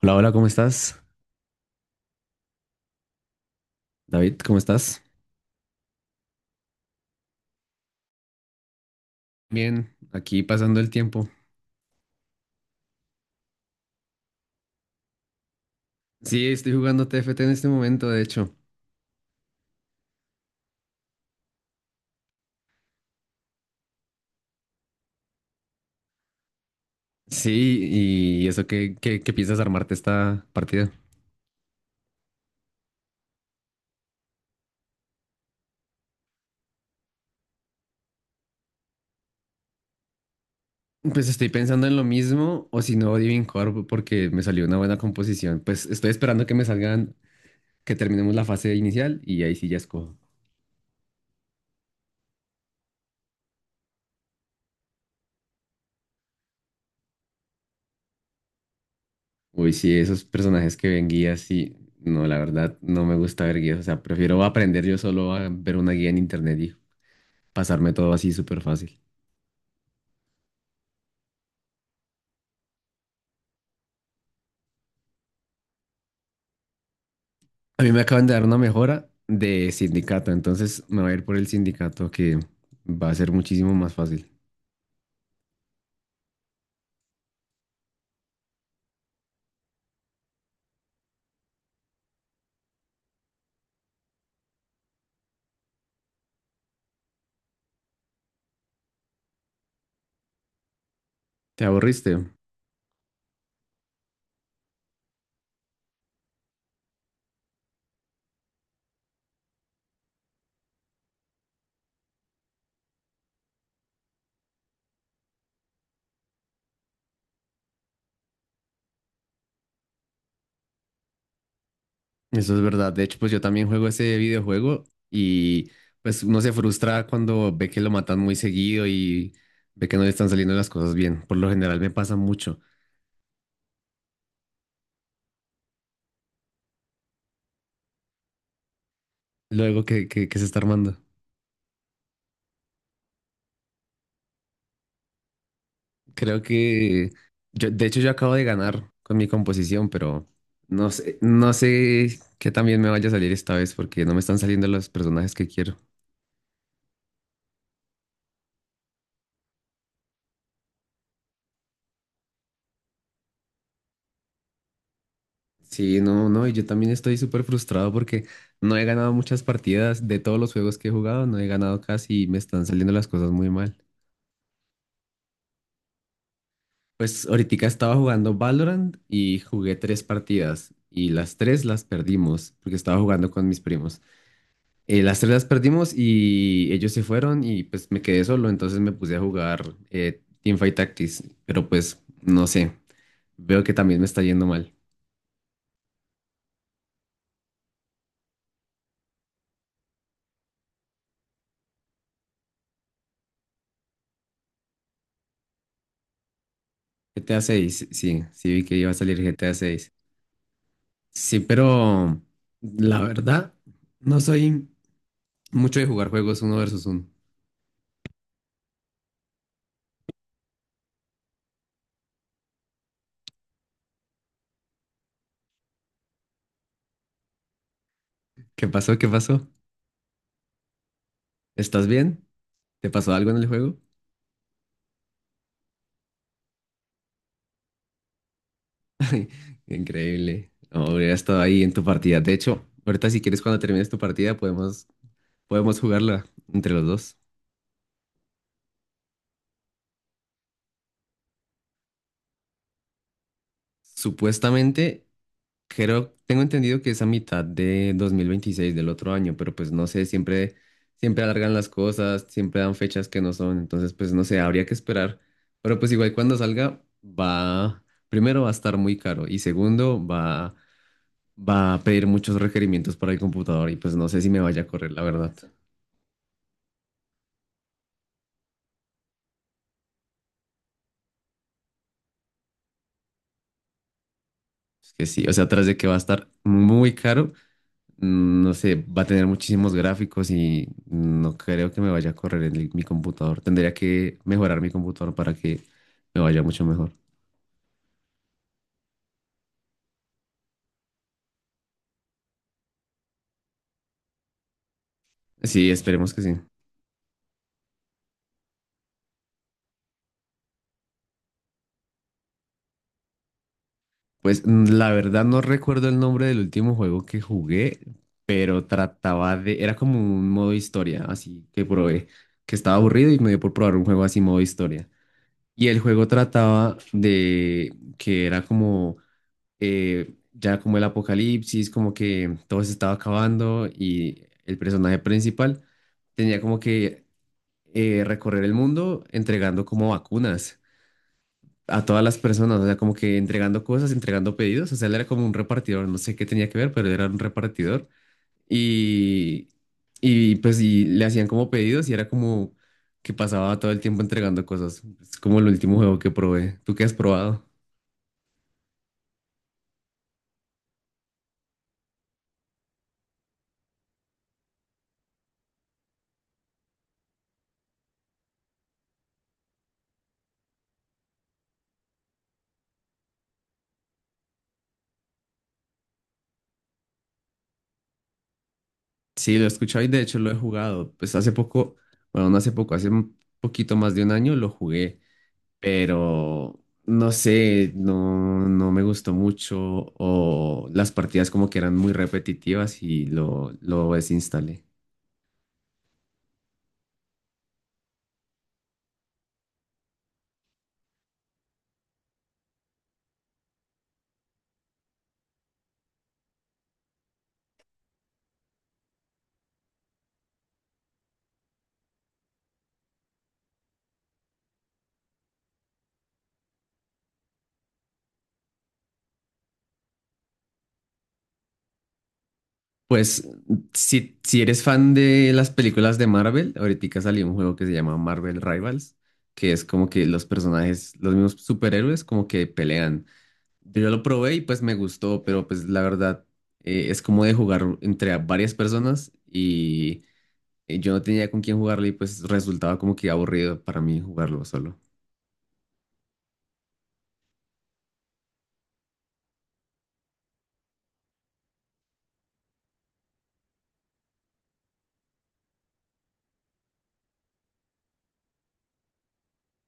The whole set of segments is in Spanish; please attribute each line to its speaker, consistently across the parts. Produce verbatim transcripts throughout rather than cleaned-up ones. Speaker 1: Hola, hola, ¿cómo estás? David, ¿cómo estás? Bien, aquí pasando el tiempo. Sí, estoy jugando T F T en este momento, de hecho. Sí, y eso, ¿qué, qué, qué piensas armarte esta partida? Pues estoy pensando en lo mismo, o si no, Divine Core, porque me salió una buena composición. Pues estoy esperando que me salgan, que terminemos la fase inicial y ahí sí ya escojo. Uy, sí, esos personajes que ven guías, sí. No, la verdad, no me gusta ver guías. O sea, prefiero aprender yo solo a ver una guía en internet y pasarme todo así súper fácil. A mí me acaban de dar una mejora de sindicato, entonces me voy a ir por el sindicato que va a ser muchísimo más fácil. ¿Te aburriste? Eso es verdad. De hecho, pues yo también juego ese videojuego y pues uno se frustra cuando ve que lo matan muy seguido y ve que no le están saliendo las cosas bien. Por lo general me pasa mucho. Luego que, que, que se está armando. Creo que yo, de hecho, yo acabo de ganar con mi composición, pero no sé, no sé qué también me vaya a salir esta vez porque no me están saliendo los personajes que quiero. Sí, no, no, y yo también estoy súper frustrado porque no he ganado muchas partidas de todos los juegos que he jugado, no he ganado casi y me están saliendo las cosas muy mal. Pues ahorita estaba jugando Valorant y jugué tres partidas y las tres las perdimos porque estaba jugando con mis primos. Eh, las tres las perdimos y ellos se fueron y pues me quedé solo, entonces me puse a jugar eh, Teamfight Tactics, pero pues no sé, veo que también me está yendo mal. G T A seis, sí, sí vi que iba a salir G T A seis. Sí, pero la verdad, no soy mucho de jugar juegos uno versus uno. ¿Qué pasó? ¿Qué pasó? ¿Estás bien? ¿Te pasó algo en el juego? Increíble. No, hubiera estado ahí en tu partida. De hecho, ahorita si quieres cuando termines tu partida podemos, podemos jugarla entre los dos. Supuestamente. Creo, tengo entendido que es a mitad de dos mil veintiséis del otro año, pero pues no sé, siempre, siempre alargan las cosas, siempre dan fechas que no son, entonces pues no sé, habría que esperar. Pero pues igual cuando salga va, primero va a estar muy caro y segundo va, va a pedir muchos requerimientos para el computador y pues no sé si me vaya a correr, la verdad. Es que sí, o sea, tras de que va a estar muy caro, mm, no sé, va a tener muchísimos gráficos y no creo que me vaya a correr en el- mi computador. Tendría que mejorar mi computador para que me vaya mucho mejor. Sí, esperemos que sí. Pues mm, la verdad no recuerdo el nombre del último juego que jugué, pero trataba de, era como un modo historia, así que probé, que estaba aburrido y me dio por probar un juego así modo historia. Y el juego trataba de que era como eh, ya como el apocalipsis, como que todo se estaba acabando y el personaje principal tenía como que eh, recorrer el mundo entregando como vacunas a todas las personas, o sea, como que entregando cosas, entregando pedidos, o sea, él era como un repartidor, no sé qué tenía que ver, pero era un repartidor y, y pues y le hacían como pedidos y era como que pasaba todo el tiempo entregando cosas. Es como el último juego que probé. ¿Tú qué has probado? Sí, lo he escuchado y de hecho lo he jugado. Pues hace poco, bueno, no hace poco, hace un poquito más de un año lo jugué, pero no sé, no, no me gustó mucho o las partidas como que eran muy repetitivas y lo, lo desinstalé. Pues si, si eres fan de las películas de Marvel, ahorita salió un juego que se llama Marvel Rivals, que es como que los personajes, los mismos superhéroes como que pelean. Yo lo probé y pues me gustó, pero pues la verdad eh, es como de jugar entre a varias personas y eh, yo no tenía con quién jugarlo y pues resultaba como que aburrido para mí jugarlo solo.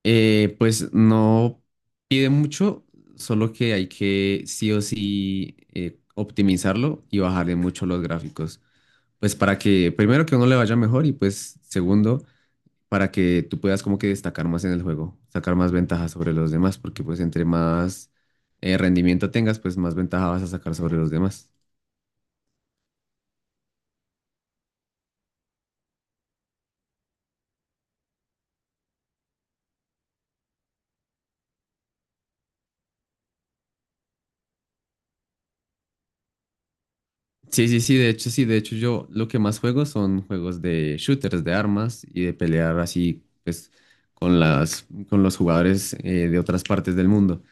Speaker 1: Eh, pues no pide mucho, solo que hay que sí o sí eh, optimizarlo y bajarle mucho los gráficos. Pues para que primero que uno le vaya mejor y pues segundo para que tú puedas como que destacar más en el juego, sacar más ventajas sobre los demás, porque pues entre más eh, rendimiento tengas, pues más ventaja vas a sacar sobre los demás. Sí, sí, sí, de hecho, sí, de hecho yo lo que más juego son juegos de shooters, de armas y de pelear así, pues, con las, con los jugadores eh, de otras partes del mundo.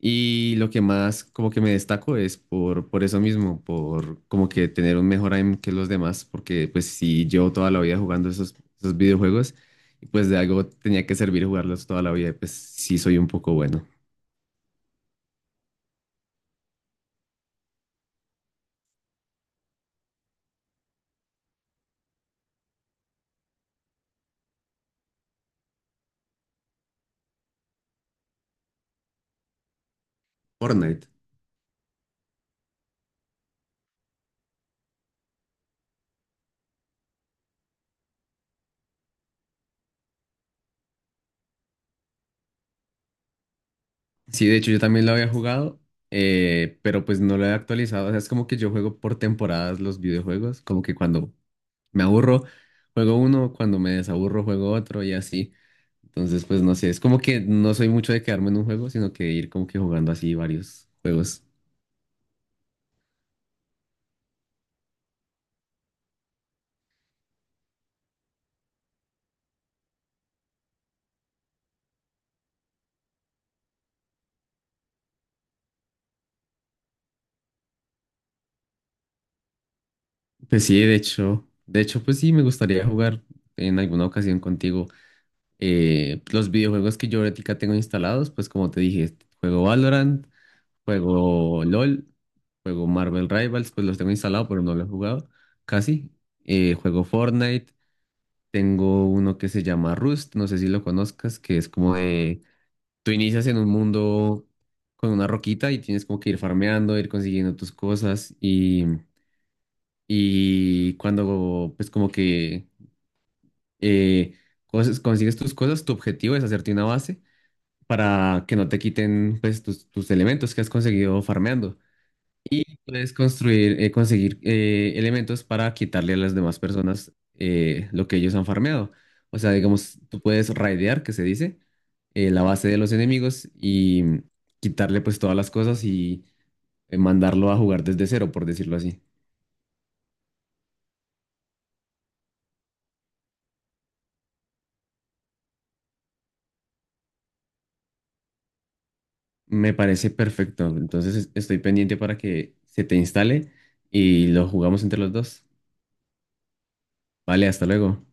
Speaker 1: Y lo que más como que me destaco es por, por eso mismo, por como que tener un mejor aim que los demás, porque pues si llevo toda la vida jugando esos, esos videojuegos, y pues de algo tenía que servir jugarlos toda la vida, y pues sí soy un poco bueno. Fortnite. Sí, de hecho yo también lo había jugado, eh, pero pues no lo he actualizado. O sea, es como que yo juego por temporadas los videojuegos, como que cuando me aburro, juego uno, cuando me desaburro, juego otro y así. Entonces, pues no sé, es como que no soy mucho de quedarme en un juego, sino que ir como que jugando así varios juegos. Pues sí, de hecho, de hecho, pues sí, me gustaría jugar en alguna ocasión contigo eh, los videojuegos que yo ahorita tengo instalados, pues como te dije, juego Valorant. Juego LOL, juego Marvel Rivals, pues los tengo instalado, pero no lo he jugado casi. Eh, juego Fortnite, tengo uno que se llama Rust, no sé si lo conozcas, que es como de, tú inicias en un mundo con una roquita y tienes como que ir farmeando, ir consiguiendo tus cosas y, y cuando pues como que eh, cosas- consigues tus cosas, tu objetivo es hacerte una base para que no te quiten pues tus, tus elementos que has conseguido farmeando. Y puedes construir, eh, conseguir eh, elementos para quitarle a las demás personas eh, lo que ellos han farmeado. O sea, digamos, tú puedes raidear, que se dice, eh, la base de los enemigos y quitarle pues todas las cosas y eh, mandarlo a jugar desde cero, por decirlo así. Me parece perfecto. Entonces es- estoy pendiente para que se te instale y lo jugamos entre los dos. Vale, hasta luego.